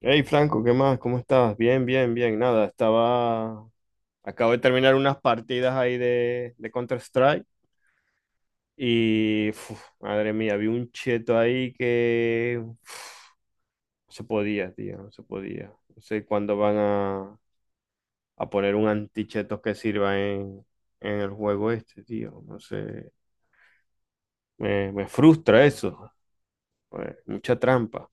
Hey Franco, ¿qué más? ¿Cómo estás? Bien, bien, bien. Nada, estaba. Acabo de terminar unas partidas ahí de Counter-Strike y, madre mía, vi un cheto ahí que, no se podía, tío, no se podía. No sé cuándo van a poner un anticheto que sirva en el juego este, tío. No sé. Me frustra eso. Pues, mucha trampa.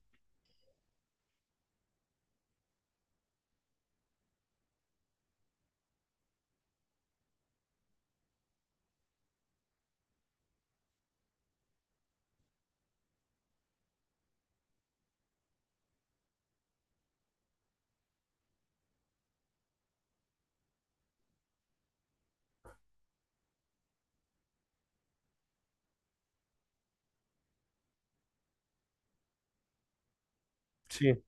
Sí.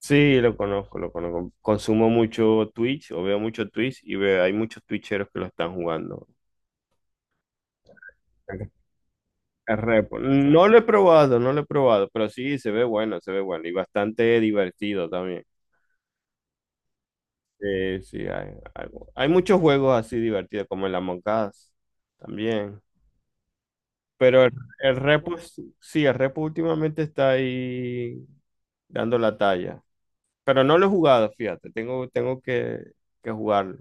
Sí, lo conozco, lo conozco. Consumo mucho Twitch o veo mucho Twitch y hay muchos Twitcheros que lo están jugando. Ok. Es repo. No lo he probado, no lo he probado, pero sí se ve bueno y bastante divertido también. Sí, sí, hay muchos juegos así divertidos como el Among Us también. Pero el repo, sí, el repo últimamente está ahí dando la talla. Pero no lo he jugado, fíjate, tengo que jugarlo.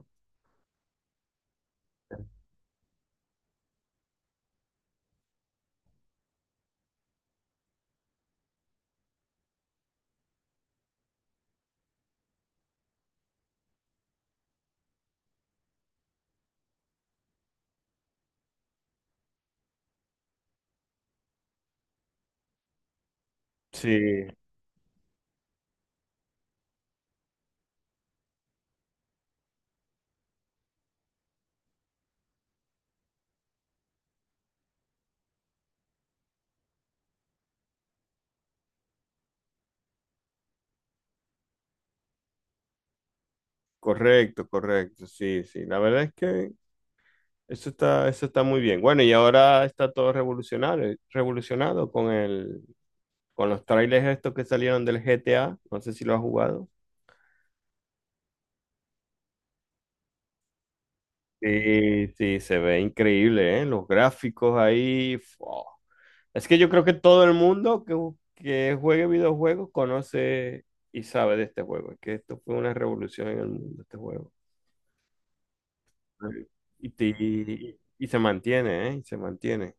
Sí, correcto, correcto, sí, sí. La verdad es que eso está muy bien. Bueno, y ahora está todo revolucionado con con los trailers estos que salieron del GTA. No sé si lo has jugado. Sí, sí, se ve increíble, ¿eh? Los gráficos ahí. Fua. Es que yo creo que todo el mundo que juegue videojuegos conoce y sabe de este juego. Es que esto fue una revolución en el mundo, este juego. Y se mantiene, ¿eh? Y se mantiene.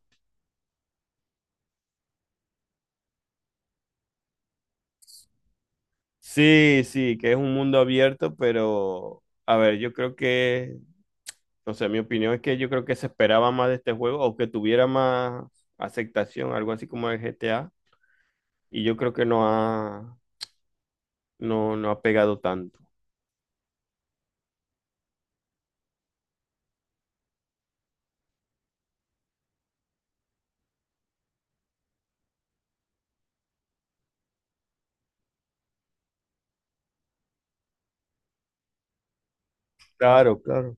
Sí, sí, que es un mundo abierto, pero a ver, yo creo que, no sé, mi opinión es que yo creo que se esperaba más de este juego o que tuviera más aceptación, algo así como el GTA, y yo creo que no ha pegado tanto. Claro, claro.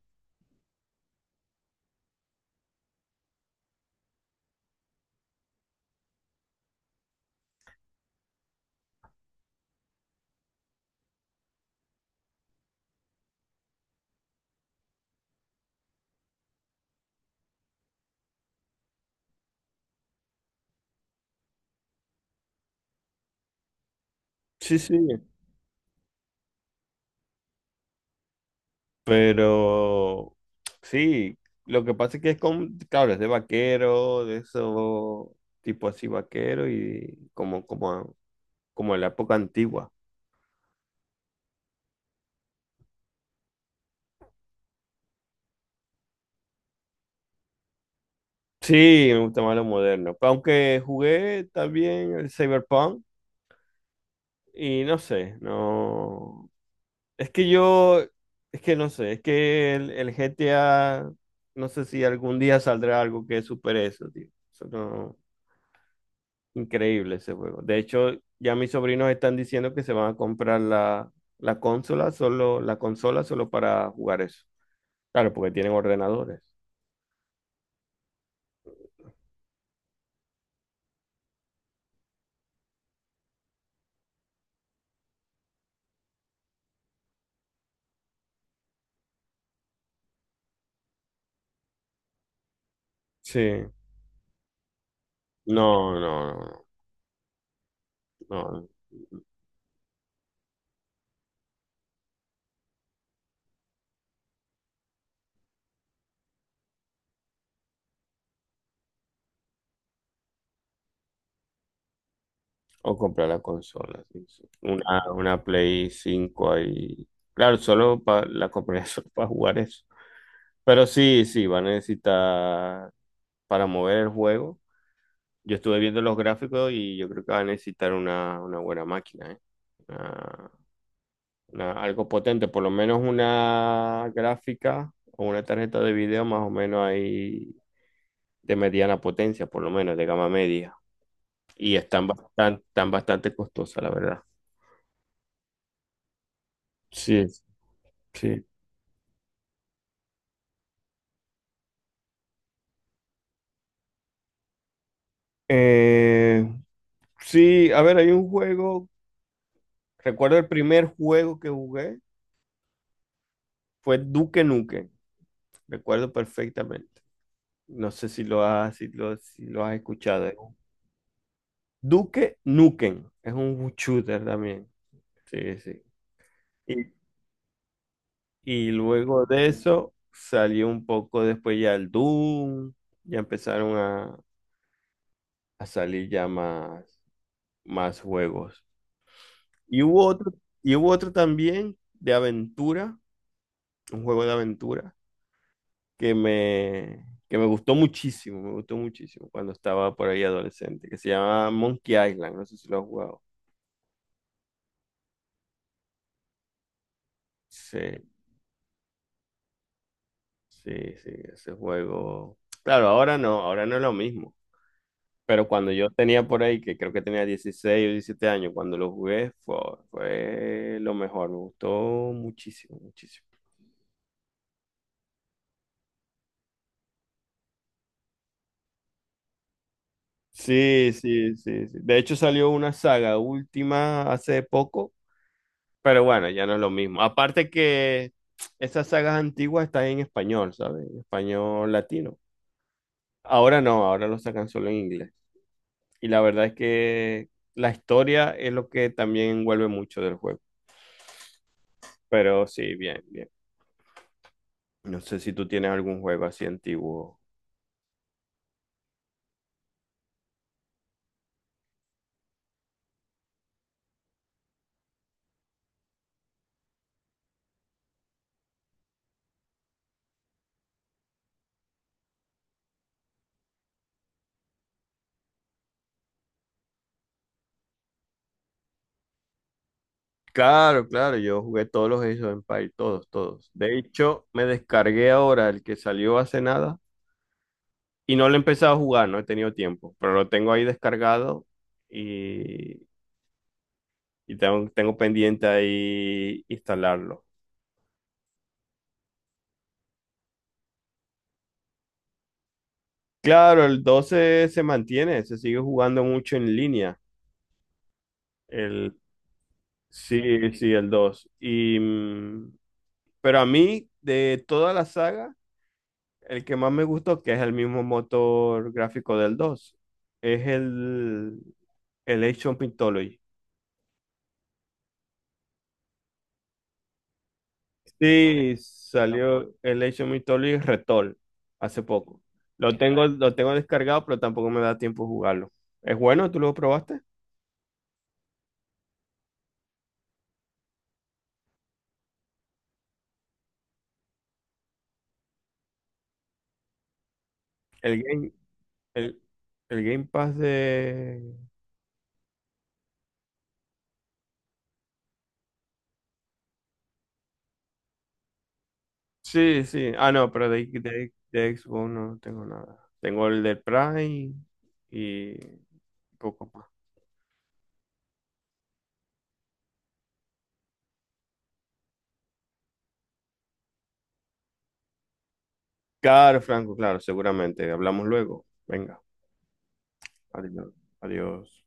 Sí, sí. Pero sí, lo que pasa es que claro, es de vaquero, de eso, tipo así vaquero y como en la época antigua. Sí, me gusta más lo moderno. Aunque jugué también el Cyberpunk y no sé, no. Es que yo, es que no sé, es que el GTA, no sé si algún día saldrá algo que supere eso, tío. Eso no- Increíble ese juego. De hecho, ya mis sobrinos están diciendo que se van a comprar la consola solo, la consola solo para jugar eso. Claro, porque tienen ordenadores. Sí. No, no, no, no, no. O comprar la consola, sí, sí. Una Play 5 ahí. Claro, la compraría solo para jugar eso. Pero sí, sí, va a necesitar para mover el juego. Yo estuve viendo los gráficos y yo creo que va a necesitar una buena máquina, ¿eh? Una- algo potente, por lo menos una gráfica o una tarjeta de video más o menos ahí de mediana potencia, por lo menos de gama media. Y están bastante costosas, la verdad. Sí, sí. Eh, sí, a ver, hay un juego, recuerdo el primer juego que jugué fue Duque Nukem, recuerdo perfectamente. No sé si lo has escuchado. Duque Nukem, es un shooter también. Sí, sí. Y, y luego de eso salió un poco después ya el Doom, ya empezaron a salir ya más juegos. Y hubo otro, y hubo otro también de aventura, un juego de aventura que me gustó muchísimo, me gustó muchísimo cuando estaba por ahí adolescente, que se llama Monkey Island, no sé si lo has jugado. Sí, sí, sí, ese juego. Claro, ahora no es lo mismo. Pero cuando yo tenía por ahí, que creo que tenía 16 o 17 años, cuando lo jugué, fue lo mejor, me gustó muchísimo, muchísimo. Sí, sí, sí, sí. De hecho salió una saga última hace poco. Pero bueno, ya no es lo mismo. Aparte que esas sagas antiguas están en español, ¿sabes? En español latino. Ahora no, ahora lo sacan solo en inglés. Y la verdad es que la historia es lo que también envuelve mucho del juego. Pero sí, bien, bien. No sé si tú tienes algún juego así antiguo. Claro, claro, yo jugué todos los Age of Empires, todos, todos. De hecho, me descargué ahora el que salió hace nada y no lo he empezado a jugar, no he tenido tiempo, pero lo tengo ahí descargado. Y Y tengo pendiente ahí instalarlo. Claro, el 12 se mantiene, se sigue jugando mucho en línea. El, sí, sí, el dos. Pero a mí, de toda la saga, el que más me gustó, que es el mismo motor gráfico del 2 es el Age of Mythology. Sí, salió el Age of Mythology Retool hace poco. Lo tengo descargado, pero tampoco me da tiempo de jugarlo. ¿Es bueno? ¿Tú lo probaste? El Game, el, el Game Pass de. Sí, sí. Ah, no, pero de Xbox no tengo nada. Tengo el del Prime y poco más. Claro, Franco, claro, seguramente. Hablamos luego. Venga, adiós. Adiós.